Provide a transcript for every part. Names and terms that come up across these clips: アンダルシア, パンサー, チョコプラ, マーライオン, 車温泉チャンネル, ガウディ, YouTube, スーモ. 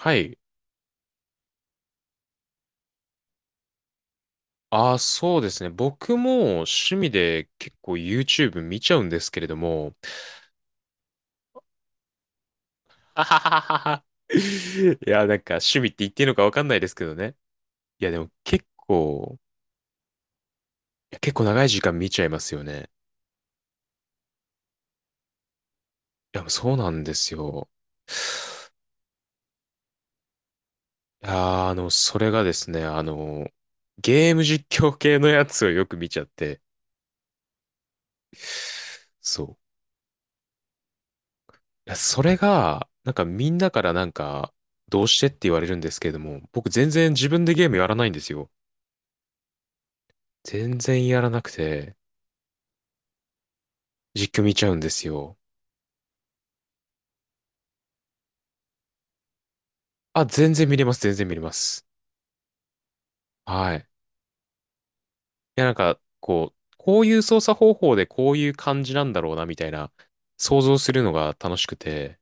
はい。ああ、そうですね。僕も趣味で結構 YouTube 見ちゃうんですけれども。あはははは。いや、なんか趣味って言っていいのかわかんないですけどね。いや、でも結構、いや結構長い時間見ちゃいますよね。いや、そうなんですよ。いやー、それがですね、ゲーム実況系のやつをよく見ちゃって。そう。いやそれが、なんかみんなからなんか、どうしてって言われるんですけれども、僕全然自分でゲームやらないんですよ。全然やらなくて、実況見ちゃうんですよ。あ、全然見れます、全然見れます。はい。いや、なんか、こう、こういう操作方法でこういう感じなんだろうな、みたいな、想像するのが楽しくて、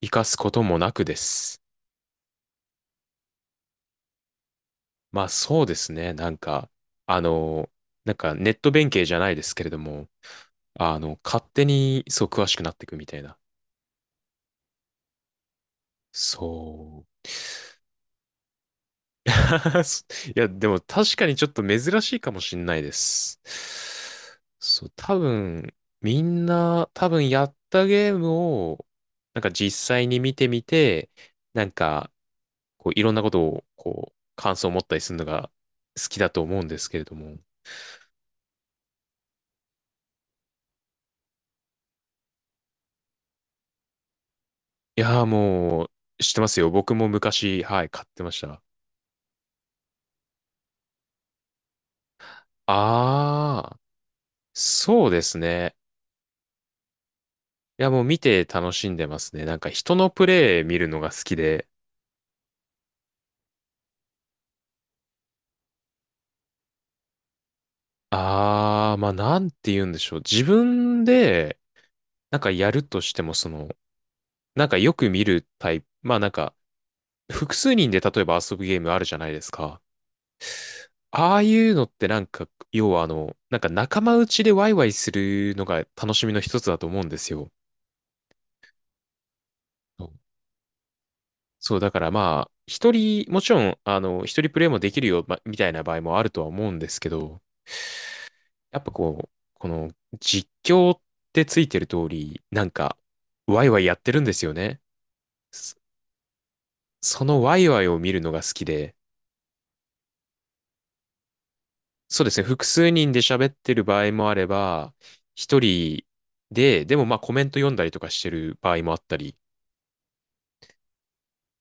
活かすこともなくです。まあそうですね、なんか、あの、なんかネット弁慶じゃないですけれども、勝手にそう詳しくなっていくみたいな。そう。いや、でも確かにちょっと珍しいかもしんないです。そう、多分、みんな、多分やったゲームを、なんか実際に見てみて、なんか、こう、いろんなことを、こう、感想を持ったりするのが好きだと思うんですけれども。いやー、もう、知ってますよ。僕も昔、はい、買ってました。あー、そうですね。いや、もう見て楽しんでますね。なんか人のプレイ見るのが好きで。あー、まあなんて言うんでしょう。自分で、なんかやるとしても、その、なんかよく見るタイプ、まあなんか、複数人で例えば遊ぶゲームあるじゃないですか。ああいうのってなんか、要はあの、なんか仲間内でワイワイするのが楽しみの一つだと思うんですよ。そうそう、だからまあ、一人、もちろん、一人プレイもできるよ、まみたいな場合もあるとは思うんですけど、やっぱこう、この実況ってついてる通り、なんか、ワイワイやってるんですよね。そそのワイワイを見るのが好きで、そうですね、複数人で喋ってる場合もあれば、一人で、でもまあコメント読んだりとかしてる場合もあったり、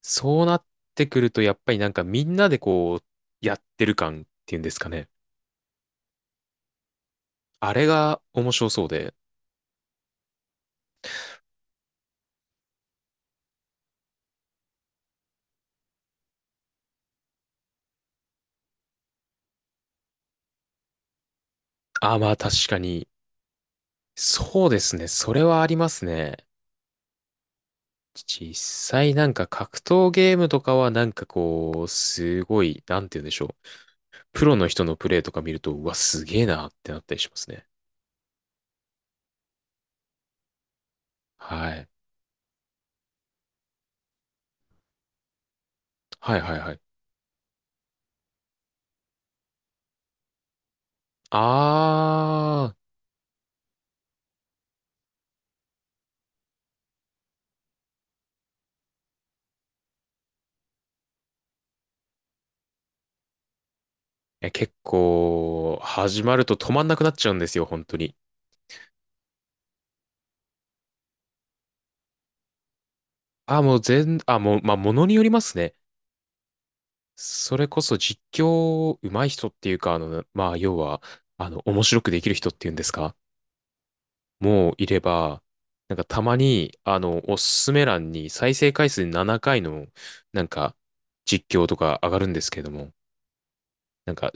そうなってくると、やっぱりなんかみんなでこう、やってる感っていうんですかね。あれが面白そうで、ああまあ確かに、そうですね、それはありますね。実際なんか格闘ゲームとかはなんかこう、すごい、なんて言うんでしょう。プロの人のプレイとか見ると、うわ、すげえなってなったりしますね。はい。はいはいはい。あー、結構、始まると止まんなくなっちゃうんですよ、本当に。あー、もう全、あ、もう、まあ、ものによりますね。それこそ実況上手い人っていうか、まあ、要は、面白くできる人っていうんですか？もういれば、なんかたまに、おすすめ欄に再生回数7回の、なんか、実況とか上がるんですけども、なんか、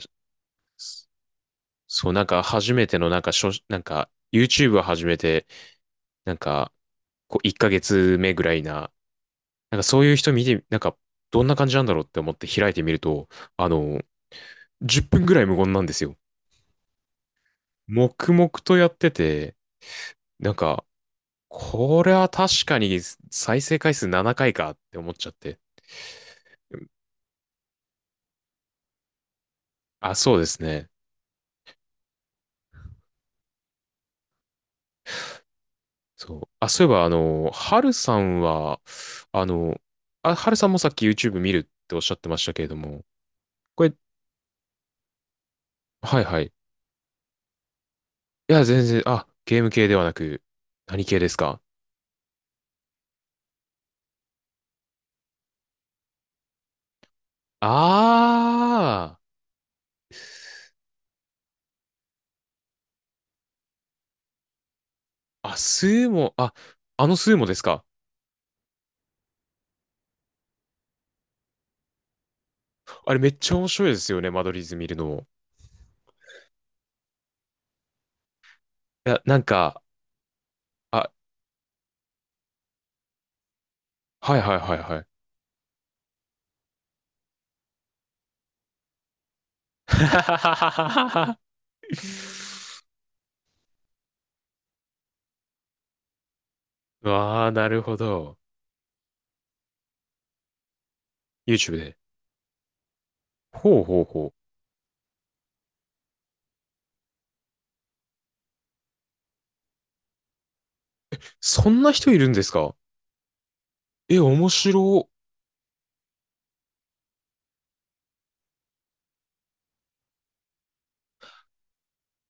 そう、なんか初めての、なんか、なんか、YouTube を始めて、なんか、こう、1ヶ月目ぐらいな、なんかそういう人見て、なんか、どんな感じなんだろうって思って開いてみると、あの、10分ぐらい無言なんですよ。黙々とやってて、なんか、これは確かに再生回数7回かいかって思っちゃって。あ、そうですね。そう。あ、そういえば、ハルさんは、あの、ハルさんもさっき YouTube 見るっておっしゃってましたけれども、これ、はいはい。いや、全然、あ、ゲーム系ではなく、何系ですか？あー、あ、スーモ、あ、あのスーモですか？あれめっちゃ面白いですよね、間取り図見るの。いや、なんか、あ、はいはいはいはい。わあ、なるほど。YouTube で。ほうほうほう。そんな人いるんですか？え、面白。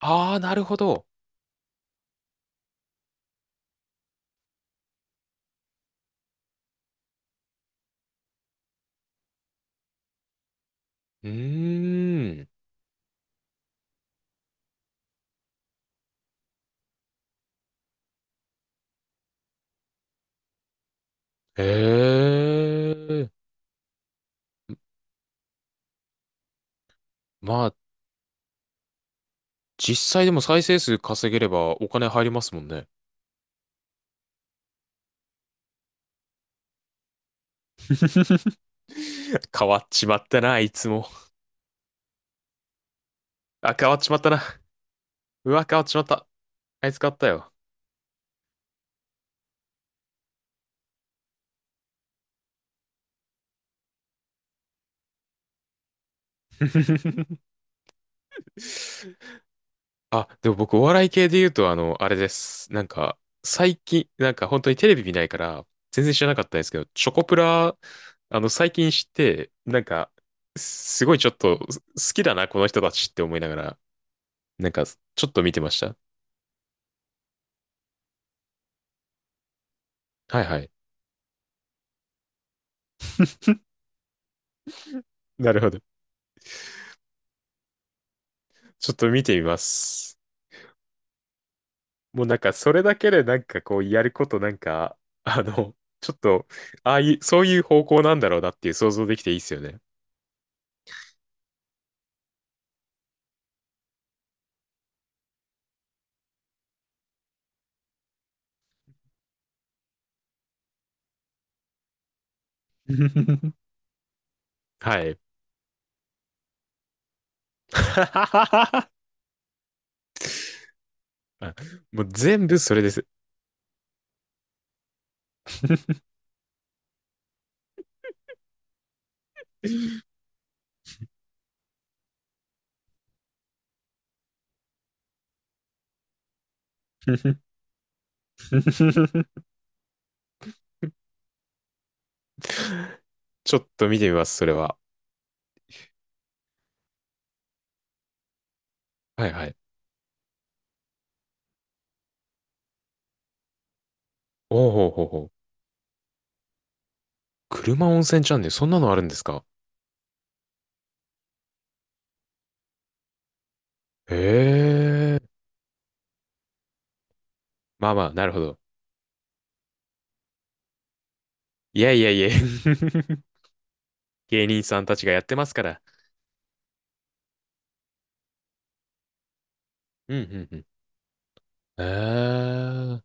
ああ、なるほど。うーん。ええ。まあ、実際でも再生数稼げればお金入りますもんね。変わっちまったな、あいつも。あ、変わっちまったな。うわ、変わっちまった。あいつ変わったよ。あ、でも僕お笑い系で言うと、あれです。なんか、最近、なんか本当にテレビ見ないから、全然知らなかったんですけど、チョコプラ、最近知って、なんか、すごいちょっと好きだな、この人たちって思いながら、なんか、ちょっと見てました。はいはい。なるほど。ちょっと見てみます。もうなんか、それだけでなんかこう、やることなんか、あの、ちょっと、ああいう、そういう方向なんだろうなっていう想像できていいっすよね。はい。あもう全部それです。ちょっと見てみます、それは。はいはい。おうほうほうほう。車温泉チャンネル、そんなのあるんですか？へえ。まあまあ、なるほど。いやいやいや。芸人さんたちがやってますから。うんうんうん。へえ。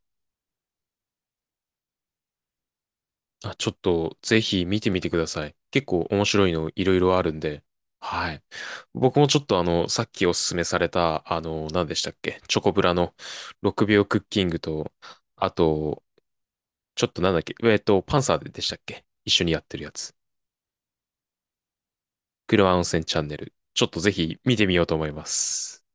あ、ちょっとぜひ見てみてください。結構面白いのいろいろあるんで。はい。僕もちょっとあの、さっきおすすめされた、あの、何でしたっけチョコブラの6秒クッキングと、あと、ちょっとなんだっけパンサーでしたっけ一緒にやってるやつ。車温泉チャンネル。ちょっとぜひ見てみようと思います。